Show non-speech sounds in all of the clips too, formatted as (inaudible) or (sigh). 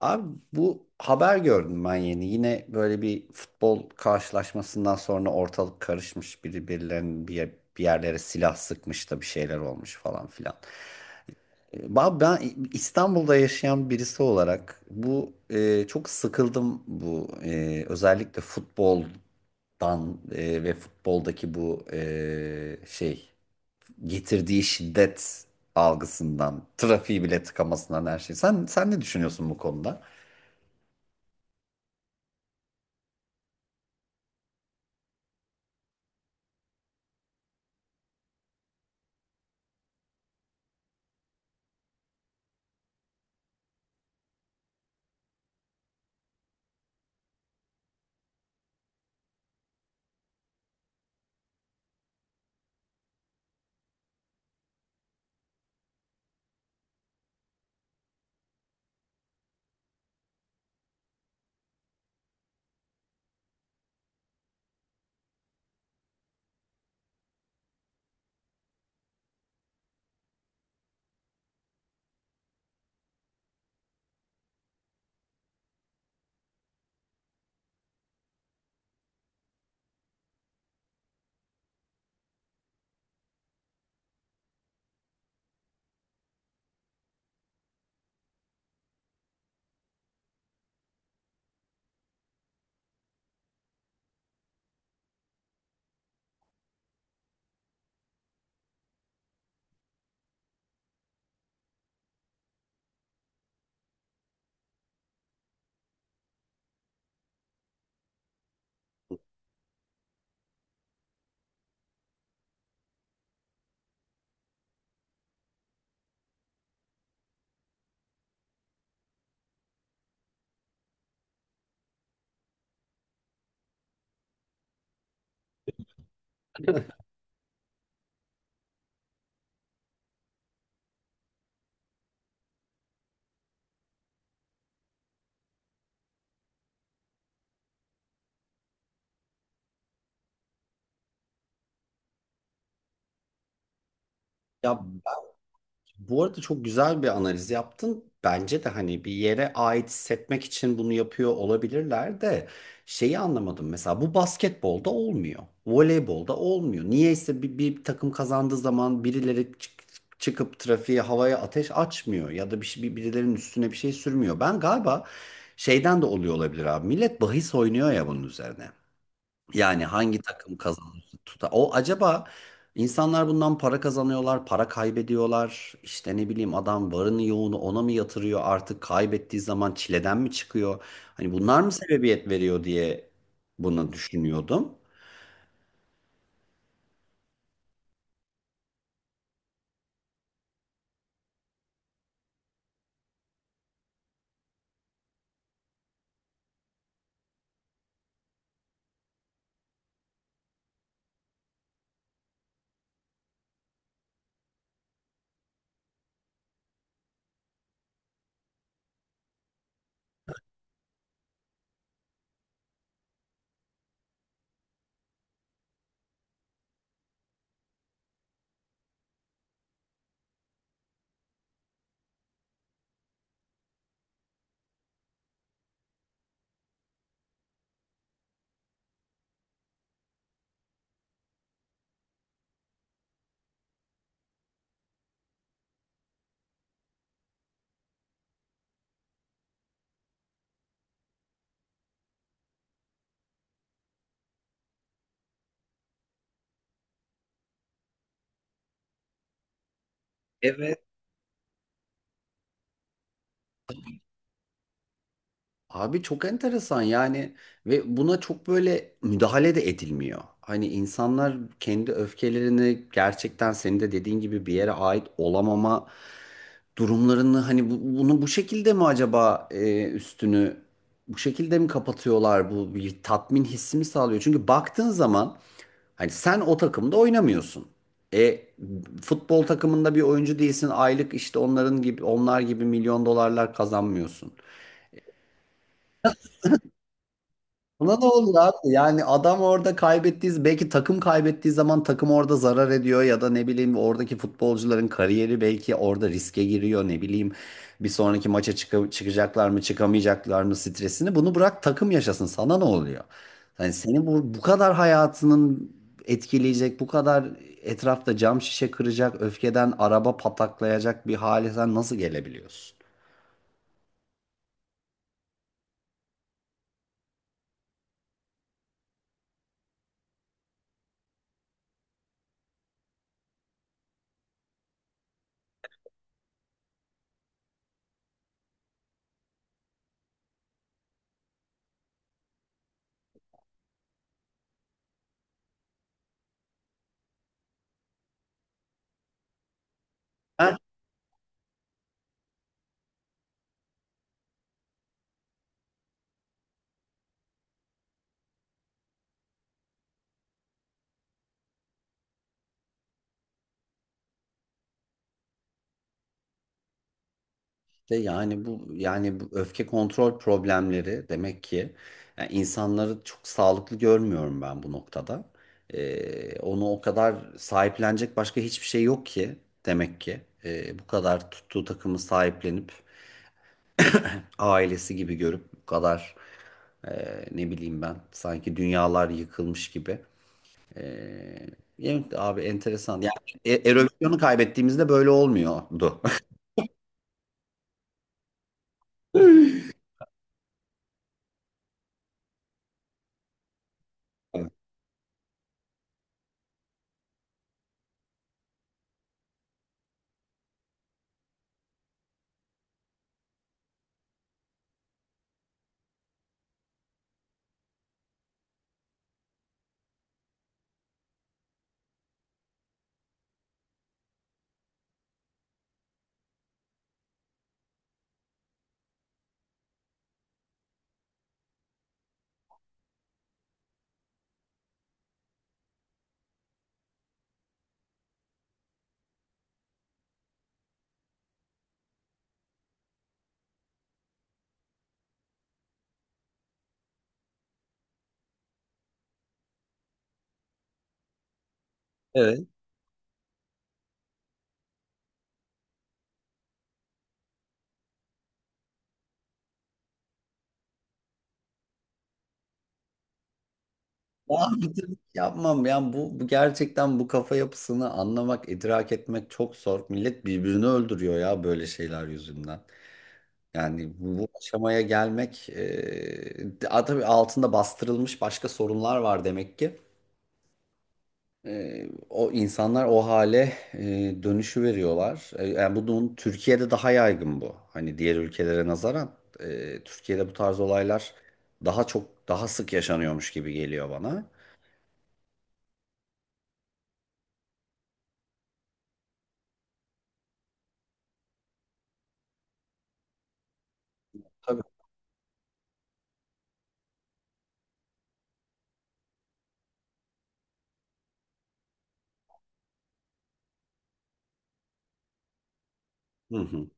Abi bu haber gördüm ben yeni. Yine böyle bir futbol karşılaşmasından sonra ortalık karışmış. Birbirlerinin bir yerlere silah sıkmış da bir şeyler olmuş falan filan. Ben İstanbul'da yaşayan birisi olarak çok sıkıldım özellikle futboldan ve futboldaki bu getirdiği şiddet algısından, trafiği bile tıkamasından her şey. Sen ne düşünüyorsun bu konuda? Ya, bu arada çok güzel bir analiz yaptın. Bence de hani bir yere ait hissetmek için bunu yapıyor olabilirler de şeyi anlamadım. Mesela bu basketbolda olmuyor. Voleybolda olmuyor. Niyeyse bir takım kazandığı zaman birileri çıkıp trafiğe havaya ateş açmıyor ya da birilerinin üstüne bir şey sürmüyor. Ben galiba şeyden de oluyor olabilir abi. Millet bahis oynuyor ya bunun üzerine. Yani hangi takım kazanır tutar. O acaba insanlar bundan para kazanıyorlar, para kaybediyorlar. İşte ne bileyim adam varını yoğunu ona mı yatırıyor artık kaybettiği zaman çileden mi çıkıyor? Hani bunlar mı sebebiyet veriyor diye bunu düşünüyordum. Evet. Abi çok enteresan yani ve buna çok böyle müdahale de edilmiyor. Hani insanlar kendi öfkelerini gerçekten senin de dediğin gibi bir yere ait olamama durumlarını hani bunu bu şekilde mi acaba üstünü bu şekilde mi kapatıyorlar, bu bir tatmin hissi mi sağlıyor? Çünkü baktığın zaman hani sen o takımda oynamıyorsun. E, futbol takımında bir oyuncu değilsin. Aylık işte onlar gibi milyon dolarlar kazanmıyorsun. Buna ne olur abi? Yani adam orada kaybettiği, belki takım kaybettiği zaman takım orada zarar ediyor ya da ne bileyim oradaki futbolcuların kariyeri belki orada riske giriyor ne bileyim. Bir sonraki maça çıkacaklar mı çıkamayacaklar mı stresini bunu bırak takım yaşasın sana ne oluyor? Yani seni bu kadar hayatının etkileyecek bu kadar etrafta cam şişe kıracak öfkeden araba pataklayacak bir hale sen nasıl gelebiliyorsun? De yani bu öfke kontrol problemleri demek ki, yani insanları çok sağlıklı görmüyorum ben bu noktada. Onu o kadar sahiplenecek başka hiçbir şey yok ki, demek ki bu kadar tuttuğu takımı sahiplenip ailesi gibi görüp bu kadar e, ne bileyim ben sanki dünyalar yıkılmış gibi. Ee, evet abi enteresan. Yani erosyonu kaybettiğimizde böyle olmuyordu. (laughs) Evet. Yaptım, yapmam. Yani bu gerçekten bu kafa yapısını anlamak, idrak etmek çok zor. Millet birbirini öldürüyor ya böyle şeyler yüzünden. Yani bu aşamaya gelmek tabii altında bastırılmış başka sorunlar var demek ki. E, o insanlar o hale dönüşü veriyorlar. E, yani bunun Türkiye'de daha yaygın bu. Hani diğer ülkelere nazaran, Türkiye'de bu tarz olaylar daha çok daha sık yaşanıyormuş gibi geliyor bana. Tabii. Hı hı.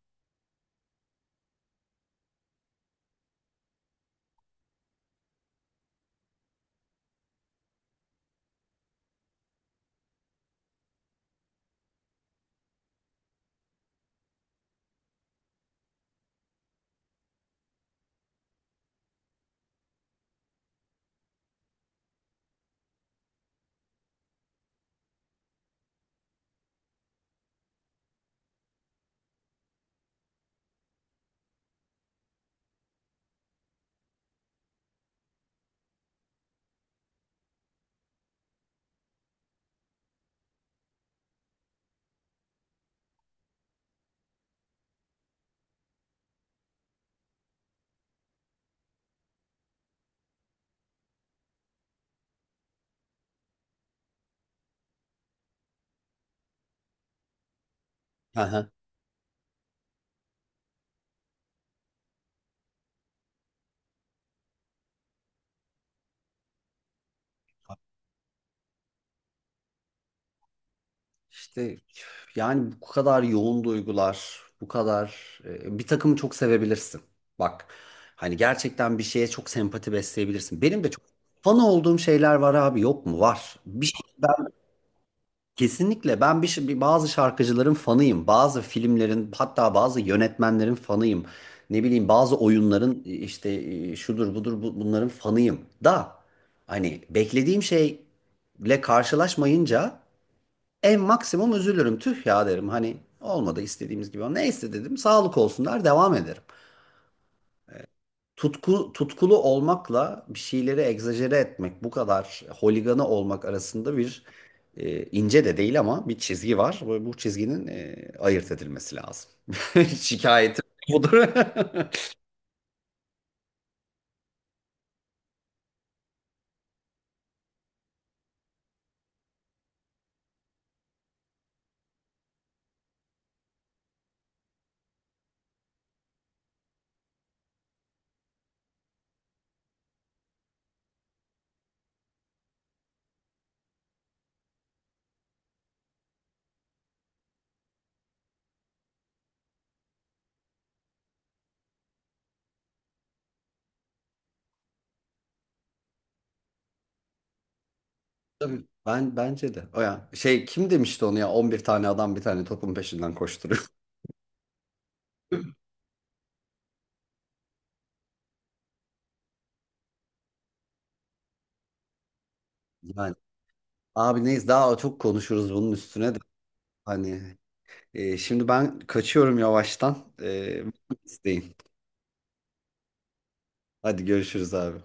(laughs) İşte yani bu kadar yoğun duygular, bu kadar, bir takımı çok sevebilirsin. Bak, hani gerçekten bir şeye çok sempati besleyebilirsin. Benim de çok fan olduğum şeyler var abi, yok mu? Var. Bir şey ben kesinlikle ben bir, şey- bir bazı şarkıcıların fanıyım. Bazı filmlerin hatta bazı yönetmenlerin fanıyım. Ne bileyim bazı oyunların işte şudur budur bunların fanıyım. Da hani beklediğim şeyle karşılaşmayınca en maksimum üzülürüm. Tüh ya derim. Hani olmadı istediğimiz gibi. Neyse dedim. Sağlık olsun der devam ederim. Tutku, tutkulu olmakla bir şeyleri egzajere etmek, bu kadar holiganı olmak arasında bir ince de değil ama bir çizgi var. Bu çizginin ayırt edilmesi lazım. (laughs) Şikayetim budur. (laughs) Tabii. Ben, bence de. O ya şey, kim demişti onu ya, 11 tane adam bir tane topun peşinden koşturuyor. (laughs) Yani abi neyiz daha çok konuşuruz bunun üstüne de hani. Şimdi ben kaçıyorum yavaştan. İsteyin. Hadi görüşürüz abi.